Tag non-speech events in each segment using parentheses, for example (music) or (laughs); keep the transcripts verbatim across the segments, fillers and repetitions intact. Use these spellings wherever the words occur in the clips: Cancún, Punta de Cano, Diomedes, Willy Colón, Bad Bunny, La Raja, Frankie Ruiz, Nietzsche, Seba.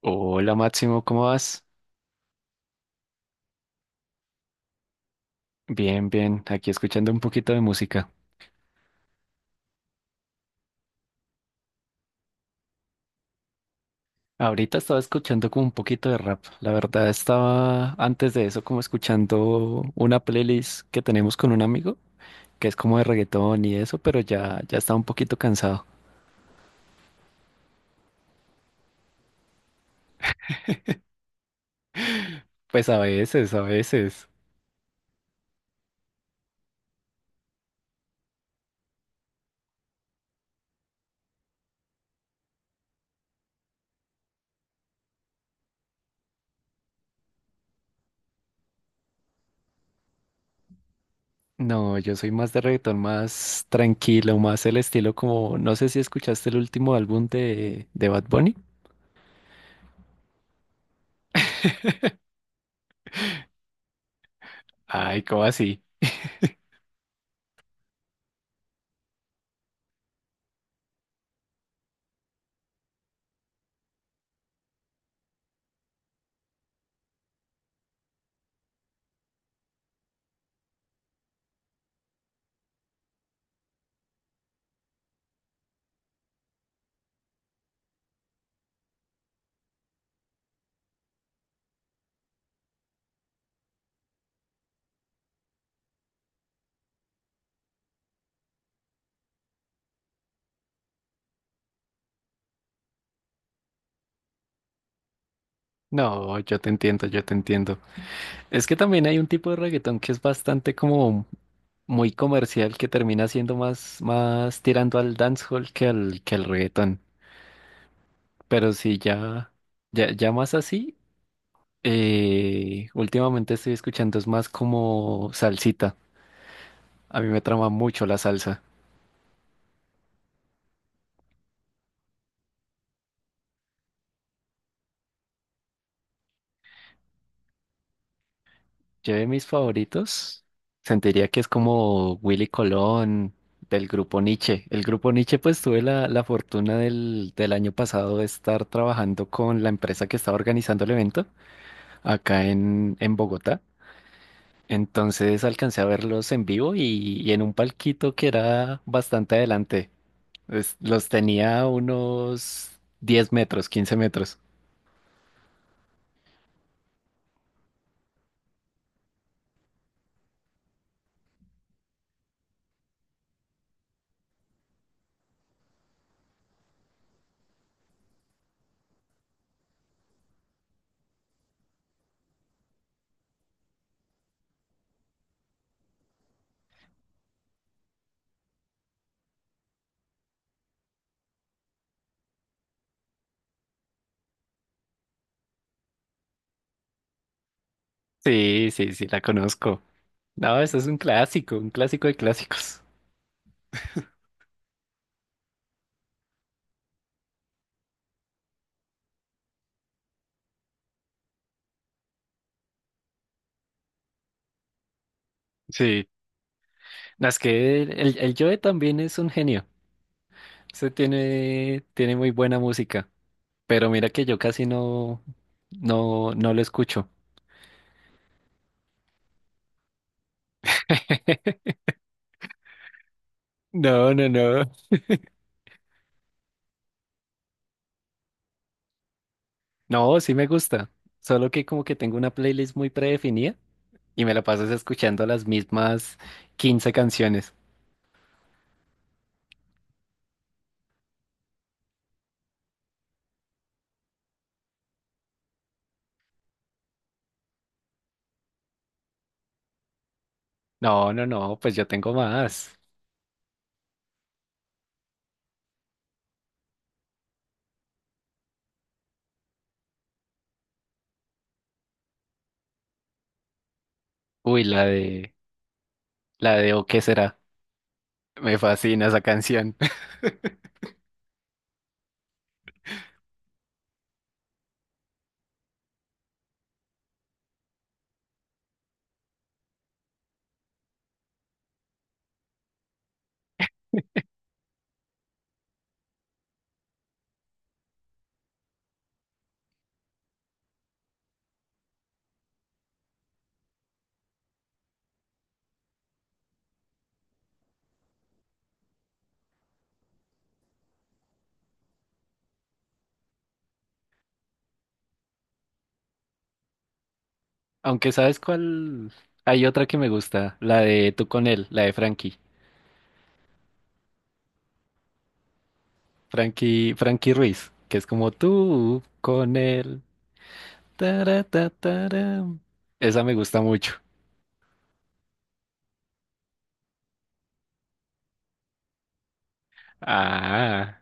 Hola Máximo, ¿cómo vas? Bien, bien, aquí escuchando un poquito de música. Ahorita estaba escuchando como un poquito de rap. La verdad estaba antes de eso como escuchando una playlist que tenemos con un amigo, que es como de reggaetón y eso, pero ya, ya estaba un poquito cansado. Pues a veces, a veces. No, yo soy más de reggaetón, más tranquilo, más el estilo como, no sé si escuchaste el último álbum de, de Bad Bunny. Ay, ¿cómo así? No, yo te entiendo, yo te entiendo. Es que también hay un tipo de reggaetón que es bastante como muy comercial que termina siendo más, más tirando al dancehall que al, que al reggaetón. Pero si ya, ya, ya más así, eh, últimamente estoy escuchando es más como salsita. A mí me trama mucho la salsa. Yo de mis favoritos sentiría que es como Willy Colón del grupo Nietzsche. El grupo Nietzsche pues tuve la, la fortuna del, del año pasado de estar trabajando con la empresa que estaba organizando el evento acá en, en Bogotá. Entonces alcancé a verlos en vivo y, y en un palquito que era bastante adelante. Es- los tenía a unos diez metros, quince metros. Sí, sí, sí, la conozco. No, eso es un clásico, un clásico de clásicos. Sí, no, es que el, el, Joe también es un genio. Se tiene, tiene muy buena música. Pero mira que yo casi no, no, no lo escucho. (laughs) No, no, no. No, sí me gusta. Solo que como que tengo una playlist muy predefinida y me la pasas escuchando las mismas quince canciones. No, no, no, pues yo tengo más. Uy, la de, la de O qué será. Me fascina esa canción. (laughs) Aunque sabes cuál, hay otra que me gusta, la de tú con él, la de Frankie, Frankie, Frankie Ruiz, que es como tú con él. Tara, ta, tara. Esa me gusta mucho. Ah,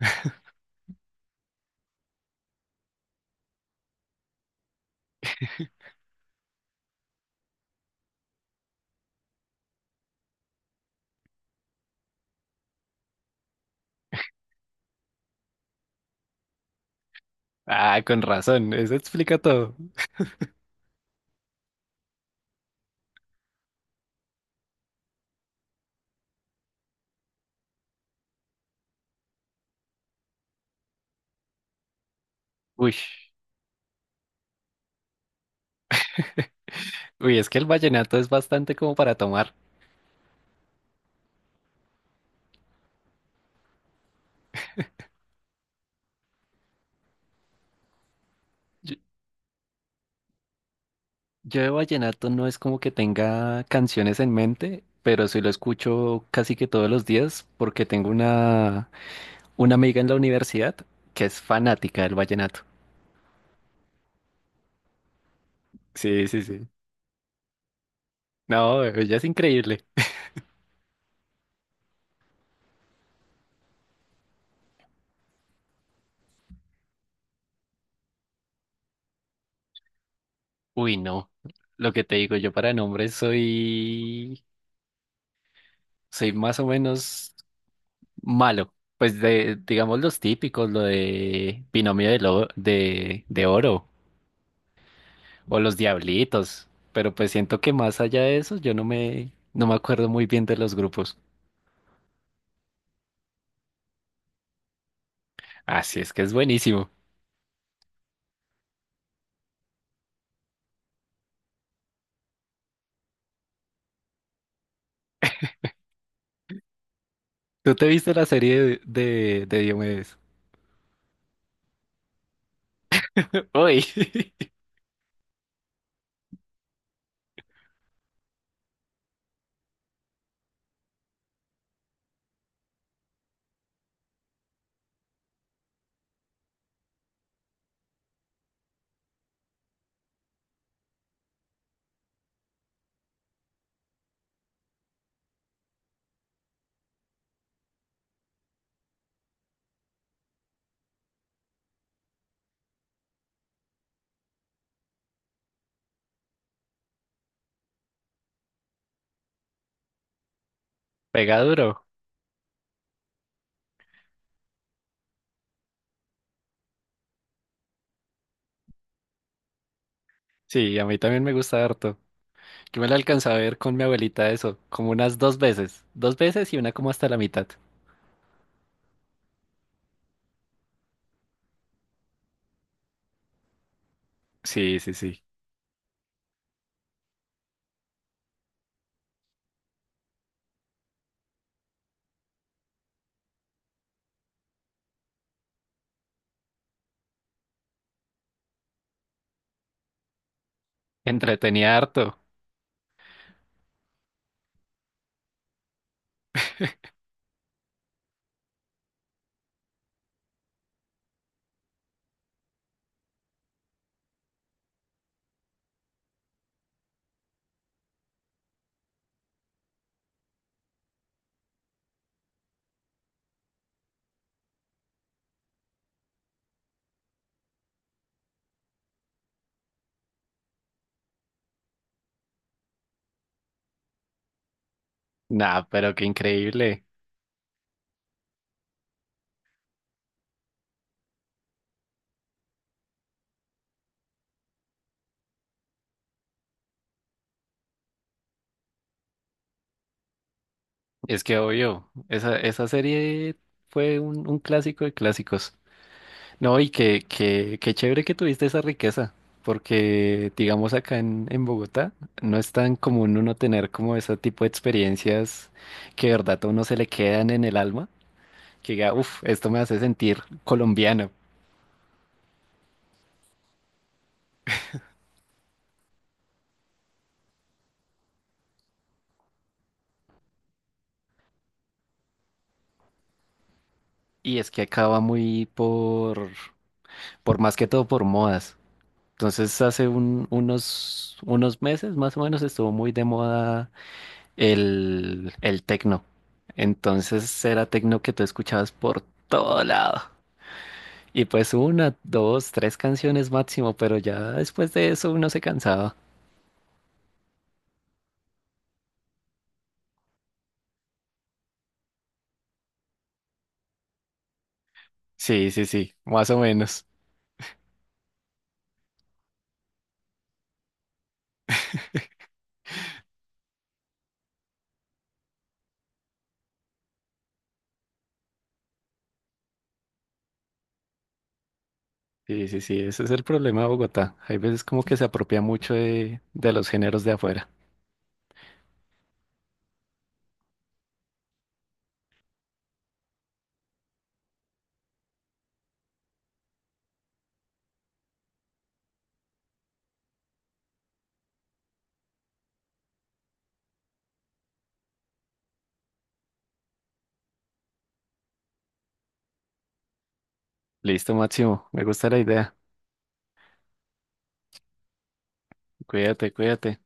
(laughs) ah, con razón, eso explica todo. Uy, (laughs) uy, es que el vallenato es bastante como para tomar. Yo, yo de vallenato no es como que tenga canciones en mente, pero sí lo escucho casi que todos los días porque tengo una una amiga en la universidad que es fanática del vallenato. Sí, sí, sí. No, ella es increíble. Uy, no. Lo que te digo, yo para nombres soy, soy más o menos malo. Pues de, digamos los típicos, lo de binomio de, lo- de, de oro o los diablitos. Pero pues siento que más allá de eso, yo no me, no me acuerdo muy bien de los grupos. Así es que es buenísimo. ¿Tú te viste la serie de, de, de Diomedes? (laughs) Uy, (laughs) pega duro. Sí, a mí también me gusta harto. Yo me la alcancé a ver con mi abuelita eso, como unas dos veces. Dos veces y una como hasta la mitad. Sí, sí, sí. Entretenía harto. Nah, pero qué increíble. Es que obvio, esa, esa serie fue un, un clásico de clásicos. No, y qué, qué, qué chévere que tuviste esa riqueza, porque digamos acá en, en Bogotá no es tan común uno tener como ese tipo de experiencias que de verdad a uno se le quedan en el alma. Que diga, uff, esto me hace sentir colombiano. Y es que acaba muy por, por más que todo por modas. Entonces hace un- unos, unos meses más o menos estuvo muy de moda el, el tecno. Entonces era tecno que tú escuchabas por todo lado. Y pues una, dos, tres canciones máximo, pero ya después de eso uno se cansaba. Sí, sí, sí, más o menos. Sí, sí, sí, ese es el problema de Bogotá. Hay veces como que se apropia mucho de, de los géneros de afuera. Listo, Máximo, me gusta la idea. Cuídate, cuídate.